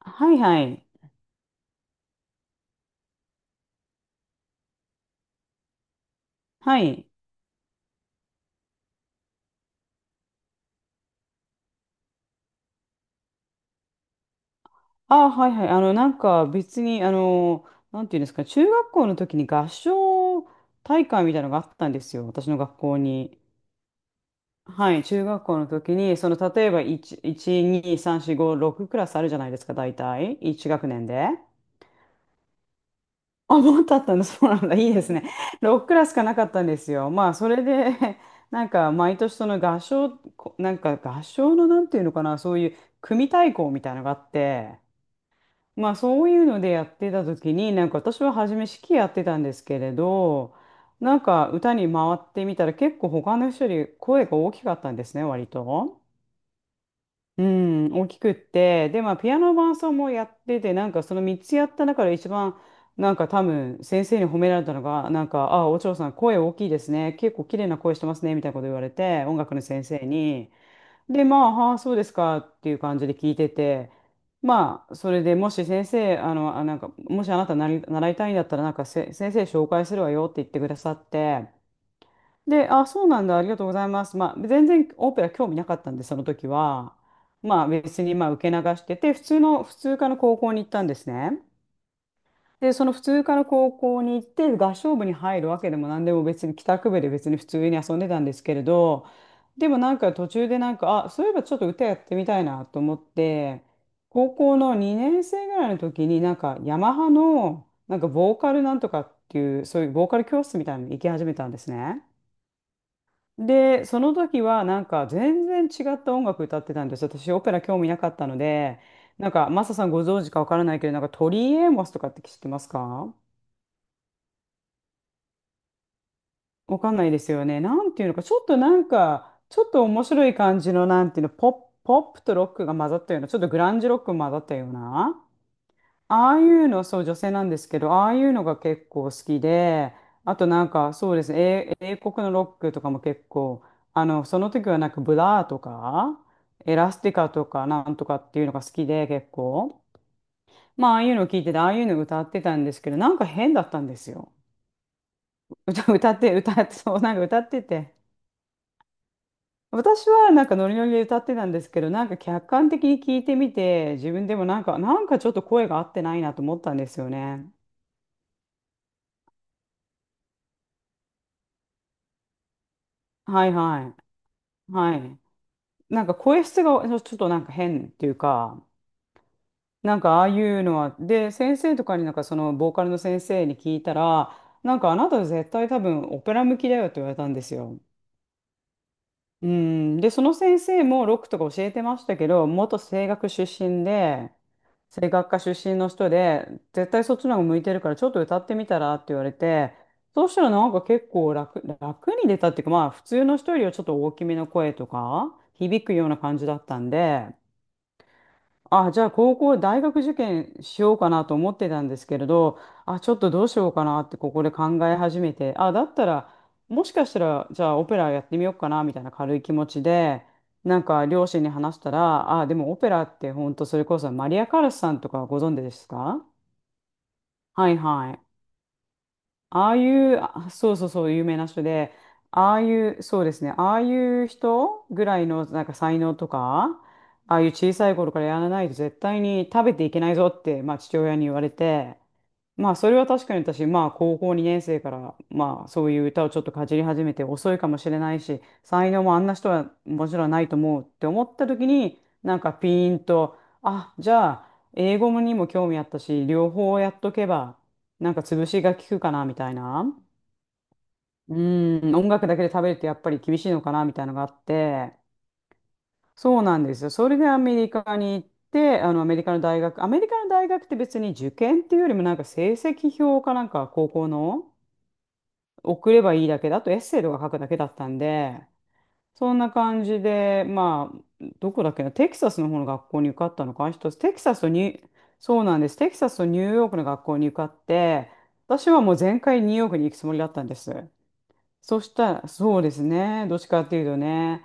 はいはい。はい。ああ、はいはい。なんか別に、なんていうんですか、中学校の時に合唱大会みたいなのがあったんですよ。私の学校に。はい。中学校の時に、その、例えば1、2、3、4、5、6クラスあるじゃないですか、大体。1学年で。あ、もっとあったんだ。そうなんだ。いいですね。6クラスしかなかったんですよ。まあ、それで なんか、毎年その合唱、なんか合唱のなんていうのかな、そういう組対抗みたいなのがあって、まあそういうのでやってた時になんか私は初め指揮やってたんですけれどなんか歌に回ってみたら結構他の人より声が大きかったんですね割と。うん、大きくって、で、まあ、ピアノ伴奏もやってて、なんかその3つやった中で一番、なんか多分、先生に褒められたのが、なんか、あ、お嬢さん、声大きいですね、結構綺麗な声してますね、みたいなこと言われて、音楽の先生に。で、まあ、はあ、そうですかっていう感じで聞いてて、まあ、それでもし先生、あ、なんか、もしあなたなり、習いたいんだったら、なんか先生紹介するわよって言ってくださって、で、あ、そうなんだ、ありがとうございます。まあ、全然オペラ興味なかったんで、その時は。まあ、別にまあ受け流してて、普通科の高校に行ったんですね。で、その普通科の高校に行って、合唱部に入るわけでも何でも別に、帰宅部で別に普通に遊んでたんですけれど、でもなんか途中でなんか、あ、そういえばちょっと歌やってみたいなと思って、高校の2年生ぐらいの時になんか、ヤマハの、なんかボーカルなんとかっていう、そういうボーカル教室みたいなのに行き始めたんですね。で、その時はなんか全然違った音楽歌ってたんですよ。私オペラ興味なかったので、なんかマサさんご存知かわからないけど、なんかトリー・エイモスとかって知ってますか？わかんないですよね。なんていうのか、ちょっとなんか、ちょっと面白い感じの、なんていうの、ポップとロックが混ざったような、ちょっとグランジロックが混ざったような。ああいうの、そう、女性なんですけど、ああいうのが結構好きで、あとなんか、そうですね、英国のロックとかも結構、その時はなんかブラーとか、エラスティカとかなんとかっていうのが好きで結構、まあ、ああいうのを聞いてて、ああいうの歌ってたんですけど、なんか変だったんですよ。歌って、そう、なんか歌ってて。私はなんかノリノリで歌ってたんですけど、なんか客観的に聞いてみて、自分でもなんかちょっと声が合ってないなと思ったんですよね。はいはい。はい。なんか声質がちょっとなんか変っていうか、なんかああいうのは、で、先生とかになんかそのボーカルの先生に聞いたら、なんかあなた絶対多分オペラ向きだよって言われたんですよ。うん、で、その先生もロックとか教えてましたけど、元声楽出身で、声楽科出身の人で、絶対そっちの方が向いてるからちょっと歌ってみたらって言われて、そうしたらなんか結構楽に出たっていうか、まあ普通の人よりはちょっと大きめの声とか、響くような感じだったんで、あ、じゃあ大学受験しようかなと思ってたんですけれど、あ、ちょっとどうしようかなってここで考え始めて、あ、だったら、もしかしたら、じゃあオペラやってみようかなみたいな軽い気持ちで、なんか両親に話したら、あ、でもオペラって本当それこそマリア・カラスさんとかご存知ですか？はいはい。ああいう、あそうそうそう、有名な人で、ああいう、そうですね、ああいう人ぐらいのなんか才能とか、ああいう小さい頃からやらないと絶対に食べていけないぞって、まあ、父親に言われて、まあそれは確かに私、まあ高校2年生から、まあそういう歌をちょっとかじり始めて遅いかもしれないし、才能もあんな人はもちろんないと思うって思った時に、なんかピーンと、あ、じゃあ英語にも興味あったし、両方やっとけば、なんか潰しが効くかなみたいな。うん、音楽だけで食べるってやっぱり厳しいのかなみたいなのがあって、そうなんですよ。それでアメリカに行って、あのアメリカの大学って別に受験っていうよりもなんか成績表かなんか高校の送ればいいだけだとエッセイとか書くだけだったんで、そんな感じで、まあ、どこだっけな、テキサスの方の学校に受かったのかな、一つ、テキサスとニュ、そうなんです。テキサスとニューヨークの学校に受かって、私はもう全開ニューヨークに行くつもりだったんです。そしたら、そうですね、どっちかっていうとね。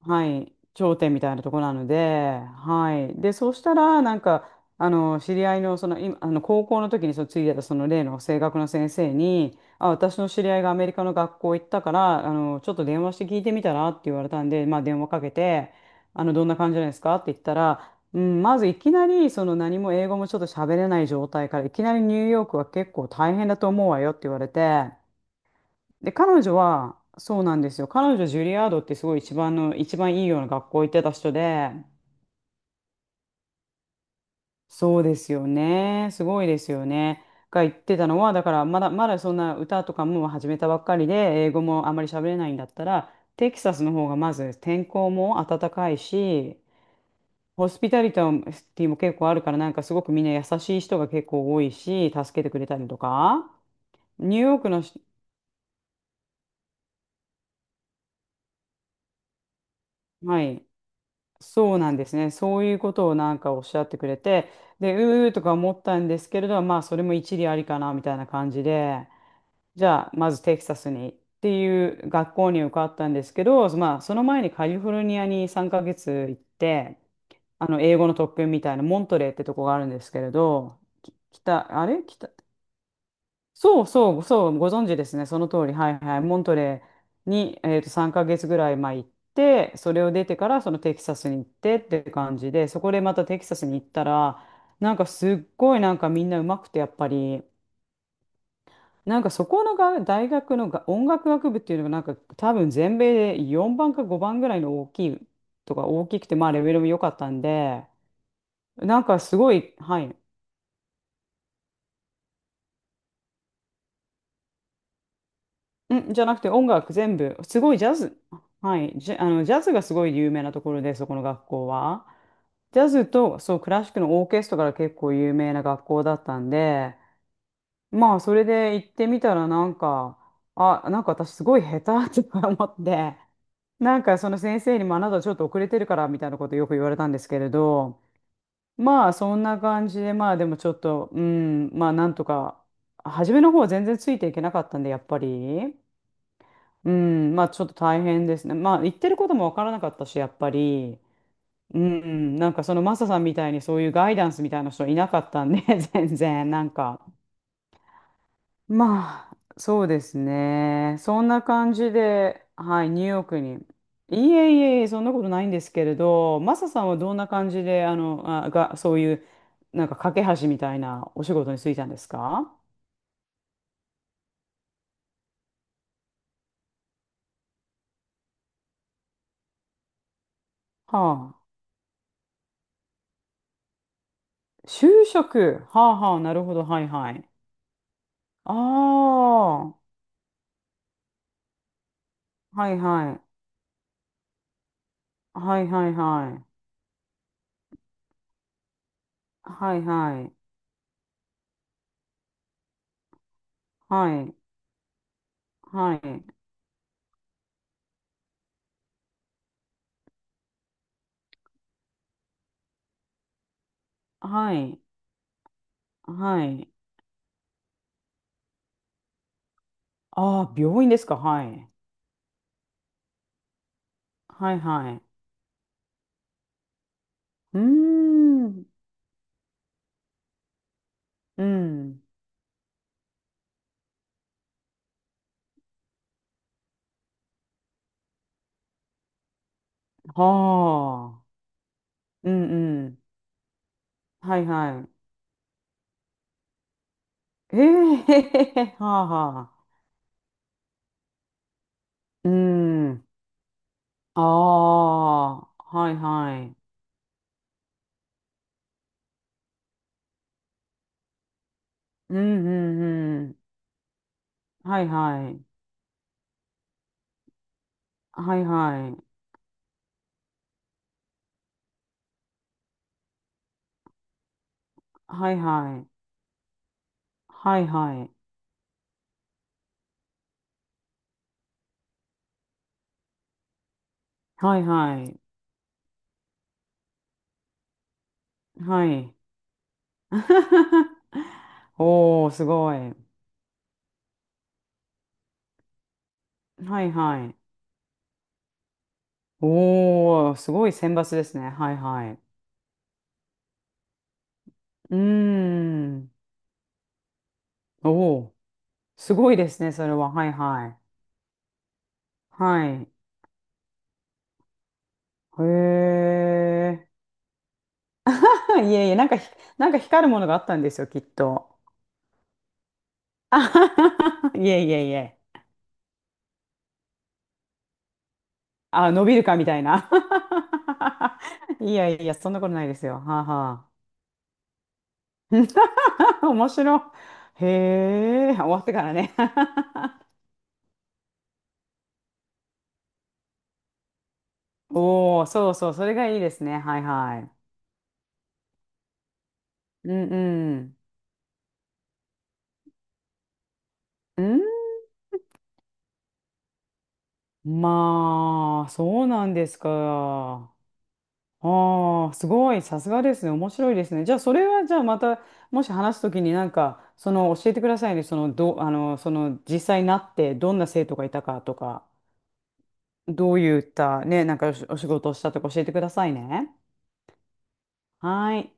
はい、頂点みたいなとこなので、はい。で、そうしたら、なんか、知り合いの、その、今、高校の時に、その、ついてた、その、例の声楽の先生に、あ、私の知り合いがアメリカの学校行ったから、ちょっと電話して聞いてみたらって言われたんで、まあ、電話かけて、どんな感じなんですかって言ったら、うん、まずいきなり、その、何も英語もちょっと喋れない状態から、いきなりニューヨークは結構大変だと思うわよって言われて、で、彼女は、そうなんですよ。彼女、ジュリアードってすごい一番いいような学校行ってた人で、そうですよね。すごいですよね。が言ってたのは、だからまだそんな歌とかも始めたばっかりで、英語もあまり喋れないんだったら、テキサスの方がまず天候も暖かいし、ホスピタリティも結構あるから、なんかすごくみんな優しい人が結構多いし、助けてくれたりとか、ニューヨークのし、はい。そうなんですね。そういうことをなんかおっしゃってくれて、で、うーとか思ったんですけれど、まあ、それも一理ありかなみたいな感じで、じゃあ、まずテキサスにっていう学校に受かったんですけど、まあ、その前にカリフォルニアに3ヶ月行って、英語の特訓みたいな、モントレーってとこがあるんですけれど、き北、あれ北、そうそう、そう、ご存知ですね。その通り。はいはい。モントレーに、3ヶ月ぐらい前行って、それを出てからそのテキサスに行ってっていう感じで、そこでまたテキサスに行ったら、なんかすっごいなんかみんなうまくてやっぱり、なんかそこのが大学のが音楽学部っていうのがなんか多分全米で4番か5番ぐらいの大きいとか大きくて、まあレベルも良かったんで、なんかすごい、はい。んじゃなくて音楽全部、すごいジャズ、はい、ジャズがすごい有名なところで、そこの学校は。ジャズと、そう、クラシックのオーケストラが結構有名な学校だったんで、まあ、それで行ってみたら、なんか、あ、なんか私すごい下手とか思って、なんかその先生にもあなたちょっと遅れてるからみたいなことよく言われたんですけれど、まあ、そんな感じで、まあ、でもちょっと、うん、まあ、なんとか、初めの方は全然ついていけなかったんで、やっぱり。うん、まあちょっと大変ですね。まあ言ってることもわからなかったし、やっぱり、うん、なんかそのマサさんみたいにそういうガイダンスみたいな人いなかったんで、全然、なんか。まあ、そうですね。そんな感じで、はい、ニューヨークに。いえいえいえ、そんなことないんですけれど、マサさんはどんな感じで、そういう、なんか架け橋みたいなお仕事に就いたんですか？はあ。就職。はあはあ、なるほど、はいはい。ああ。はいはい。はいはいはい。はいはい。はい。はい。はい。はい。ああ、病院ですか？はい。はいはい。うーん。うん。はあ。うんうん。はいはい。ええー はあはあ。うん。ああ。はいはい。うんうんうん。はいはい。はいはい。はいはい。はいはい。はいはい。はい。おー、すごい。はいはい。おー、すごい選抜ですね。はいはい。うーん。おー、すごいですね、それは。はいはい。はい。へえ いえいえ、なんかひ、なんか光るものがあったんですよ、きっと。あはははいえいえいえ。あ、伸びるかみたいな。いやいや、そんなことないですよ。はあはあ。面白い。へえ、終わってからね。おお、そうそう、それがいいですね。はいはい。うんうん。まあ、そうなんですか？ああ、すごい、さすがですね。面白いですね。じゃあ、それは、じゃあ、また、もし話すときになんか、その、教えてくださいね。その、ど、あの、その、実際になって、どんな生徒がいたかとか、どういった、ね、なんかお仕事をしたとか教えてくださいね。はい。